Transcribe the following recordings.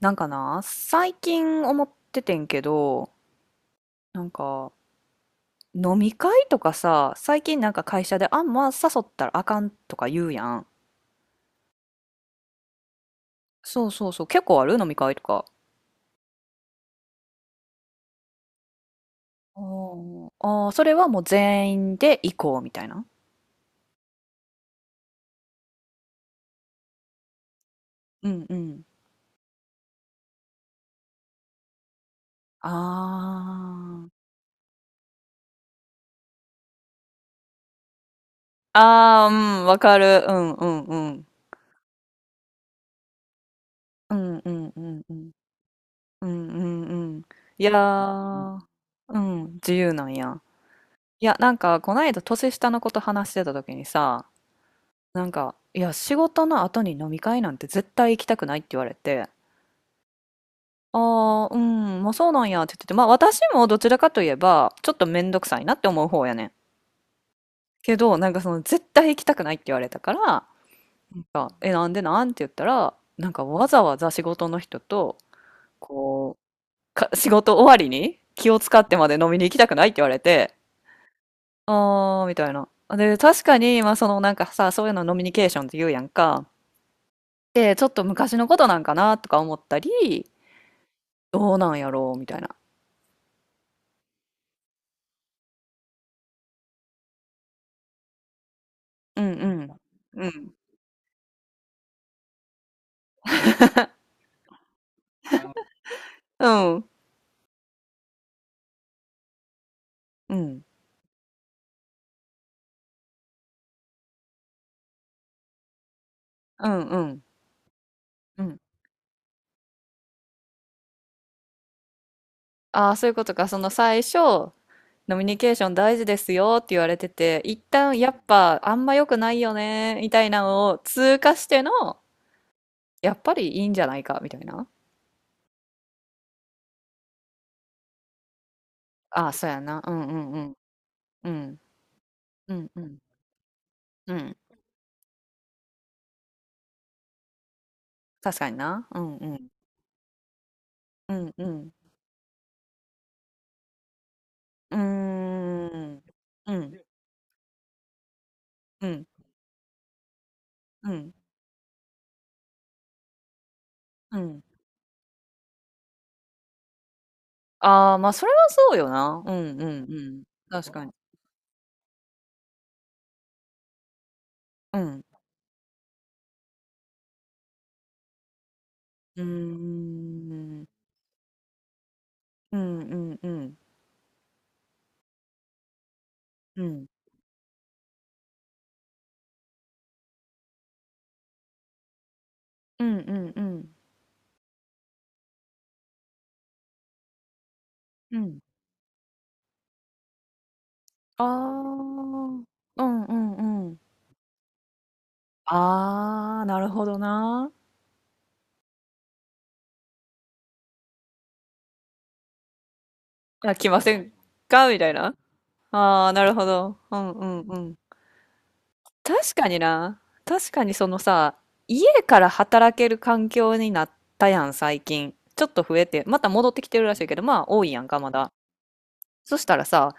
なんかな、最近思っててんけど、なんか、飲み会とかさ、最近なんか会社で、あんま誘ったらあかんとか言うやん。そうそうそう、結構ある飲み会とか。あーあー、それはもう全員で行こうみたいな。うんうん。ああ。ああ、うん、わかる。うんうんうん。うんうんうんうん。うんうんうん。いやー、うん、自由なんや。いや、なんか、こないだ年下の子と話してた時にさ、なんか、いや、仕事の後に飲み会なんて絶対行きたくないって言われて、ああ、うん、まあそうなんやって言ってて、まあ私もどちらかといえば、ちょっとめんどくさいなって思う方やねん。けど、なんかその、絶対行きたくないって言われたから、なんか、え、なんでなんって言ったら、なんかわざわざ仕事の人と、こう、仕事終わりに気を使ってまで飲みに行きたくないって言われて、ああ、みたいな。で、確かに、まあそのなんかさ、そういうのノミニケーションって言うやんか。て、ちょっと昔のことなんかなとか思ったり、どうなんやろうみたいな。うんうん。うん。うん。うんうん。うん。ああ、そういうことか。その最初、飲みニケーション大事ですよって言われてて、一旦やっぱあんま良くないよね、みたいなのを通過しての、やっぱりいいんじゃないか、みたいな。ああ、そうやな。うんうんうん。うん。うんうん。うん。確かにな。うんうん。うんうん。うーん。うん。うん。うん。うん。ああ、まあ、それはそうよな。うんうんうん。確かに。うん。うーん。うんうんうん。うん。うんうんうん。うん。ああ。うんうんうん。ああ、なるほどな。いや、来ませんか？みたいな。ああ、なるほど。うんうんうん。確かにな。確かにそのさ、家から働ける環境になったやん、最近。ちょっと増えて、また戻ってきてるらしいけど、まあ多いやんか、まだ。そしたらさ、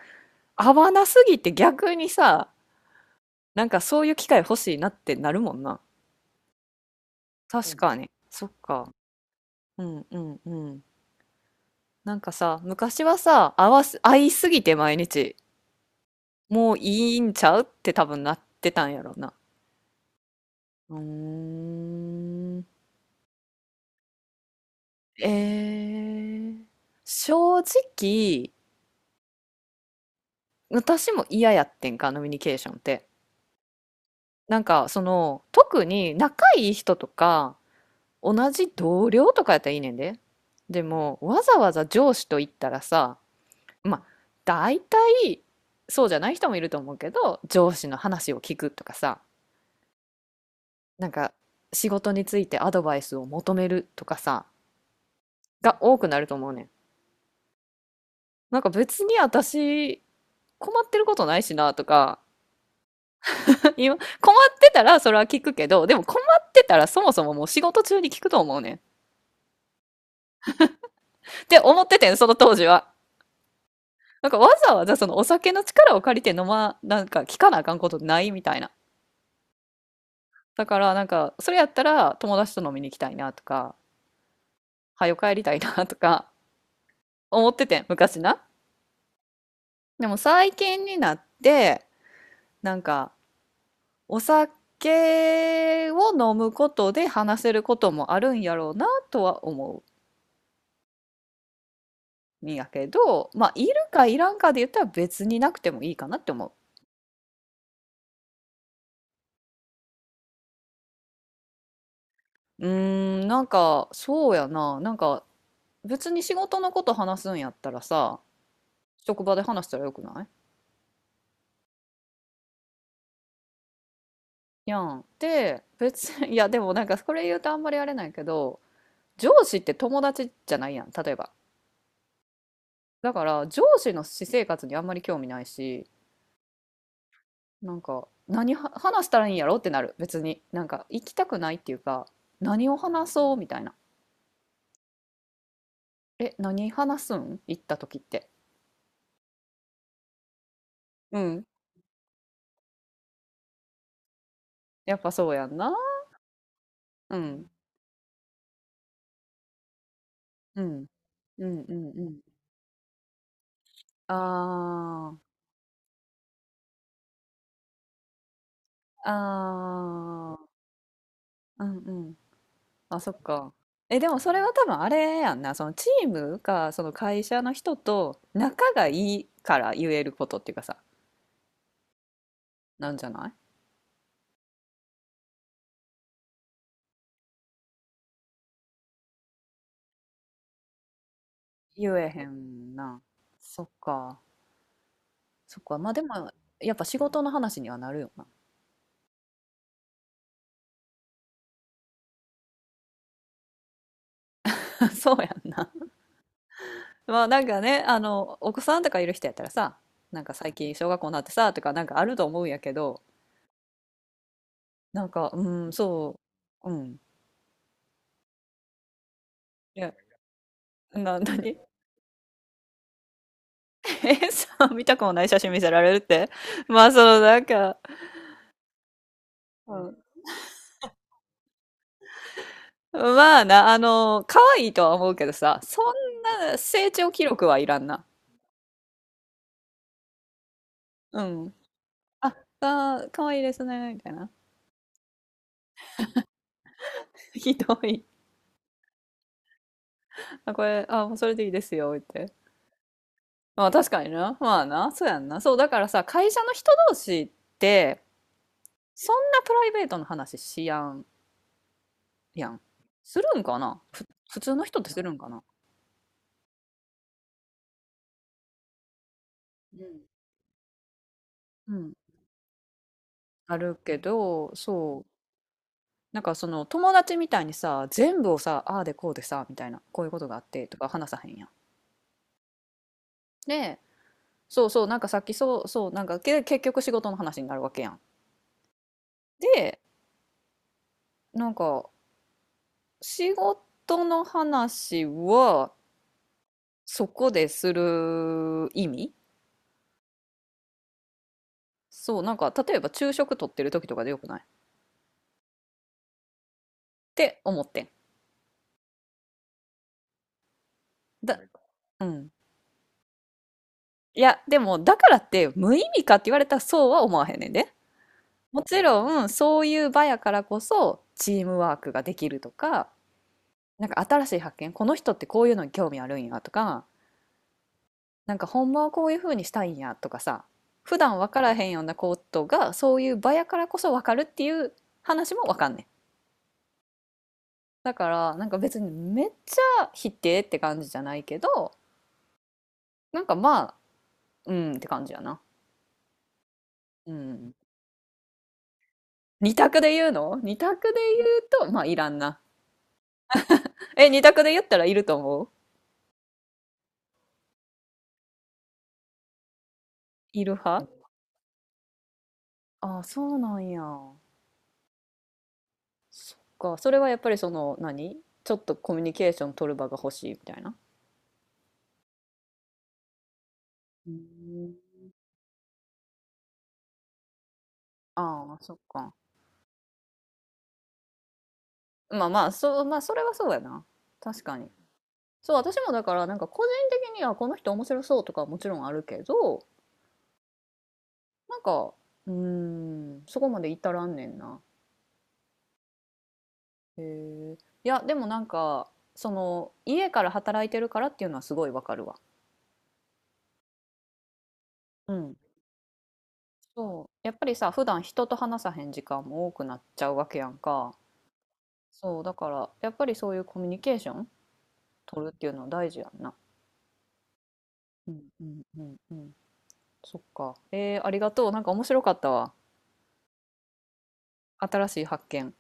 合わなすぎて逆にさ、なんかそういう機会欲しいなってなるもんな。確かに。そっか。うんうんうん。なんかさ、昔はさ、合いすぎて毎日、もういいんちゃうって多分なってたんやろな。うーん。えー、正直、私も嫌やってんか、飲みニケーションって。なんか、その、特に仲いい人とか、同じ同僚とかやったらいいねんで。でも、わざわざ上司と言ったらさ、まあ、大体、そうじゃない人もいると思うけど、上司の話を聞くとかさ、なんか、仕事についてアドバイスを求めるとかさ、が多くなると思うねん。なんか別に私、困ってることないしなとか 今、困ってたらそれは聞くけど、でも困ってたらそもそももう仕事中に聞くと思うねん。って思っててん、その当時は。なんかわざわざそのお酒の力を借りてなんか聞かなあかんことないみたいな。だからなんか、それやったら友達と飲みに行きたいなとか、はよ帰りたいなとか思っててん、昔な。でも最近になって、なんか、お酒を飲むことで話せることもあるんやろうなとは思うんやけど、まあ、いるかいらんかで言ったら別になくてもいいかなって思う。うーん、なんか、そうやな。なんか、別に仕事のこと話すんやったらさ、職場で話したらよくないやん。で、別に、いや、でもなんか、これ言うとあんまりあれないけど、上司って友達じゃないやん、例えば。だから、上司の私生活にあんまり興味ないし、なんか、何は話したらいいんやろってなる、別に。なんか、行きたくないっていうか、何を話そうみたいな。え、何話すん行った時って。うん。やっぱそうやんな。うん。うん。うんうんうん。ああ。ああ。うんうん。あ、そっか。え、でもそれは多分あれやんな。そのチームか、その会社の人と仲がいいから言えることっていうかさ、なんじゃない言えへんな。そっか。そっか。まあでも、やっぱ仕事の話にはなるよな。そうやんな。まあなんかね、あの、お子さんとかいる人やったらさ、なんか最近小学校になってさ、とかなんかあると思うんやけど、なんか、うん、そう、うん。いや、何 え、さ、見たくもない写真見せられるって まあそのなんか、うん。まあな、あの、可愛いとは思うけどさ、そんな成長記録はいらんな。うん。あ、あー、可愛いですね、みたいな。ひどい。あ、これ、あ、もうそれでいいですよ、って。まあ確かにな。まあな、そうやんな。そう、だからさ、会社の人同士って、そんなプライベートの話しやん、やん。するんかなふ、普通の人ってするんかな。うん。うん。あるけど、そう。なんかその友達みたいにさ、全部をさ、ああでこうでさ、みたいな、こういうことがあってとか話さへんやん。で、そうそう、なんかさっき、そうそう、なんかけ、結局仕事の話になるわけやん。で、なんか仕事の話はそこでする意味、そうなんか、例えば昼食取ってる時とかでよくないって思ってん。だ、うん。いやでもだからって無意味かって言われたら、そうは思わへんねんで。もちろんそういう場やからこそチームワークができるとか、なんか新しい発見、この人ってこういうのに興味あるんやとか、なんかほんまはこういう風にしたいんやとかさ、普段分からへんようなことがそういう場やからこそ分かるっていう話も分かんねん。だからなんか別にめっちゃ否定って感じじゃないけど、なんかまあ、うんって感じやな。うん。二択で言うと、まあいらんな。え、二択で言ったらいると思う、いる派。あ、そうなんや。か、それはやっぱりその、何ちょっとコミュニケーション取る場が欲しいみたいな。うん。ああ、そっか。まあまあ、そう、まあそれはそうやな。確かに。そう、私もだからなんか個人的にはこの人面白そうとかはもちろんあるけど、なんか、うーん、そこまで至らんねんな。へえ。いや、でもなんか、その、家から働いてるからっていうのはすごいわかるわ。うん。そう、やっぱりさ、普段人と話さへん時間も多くなっちゃうわけやんか。そう、だから、やっぱりそういうコミュニケーション取るっていうのは大事やんな。うんうんうんうん。そっか。えー、ありがとう。なんか面白かったわ。新しい発見。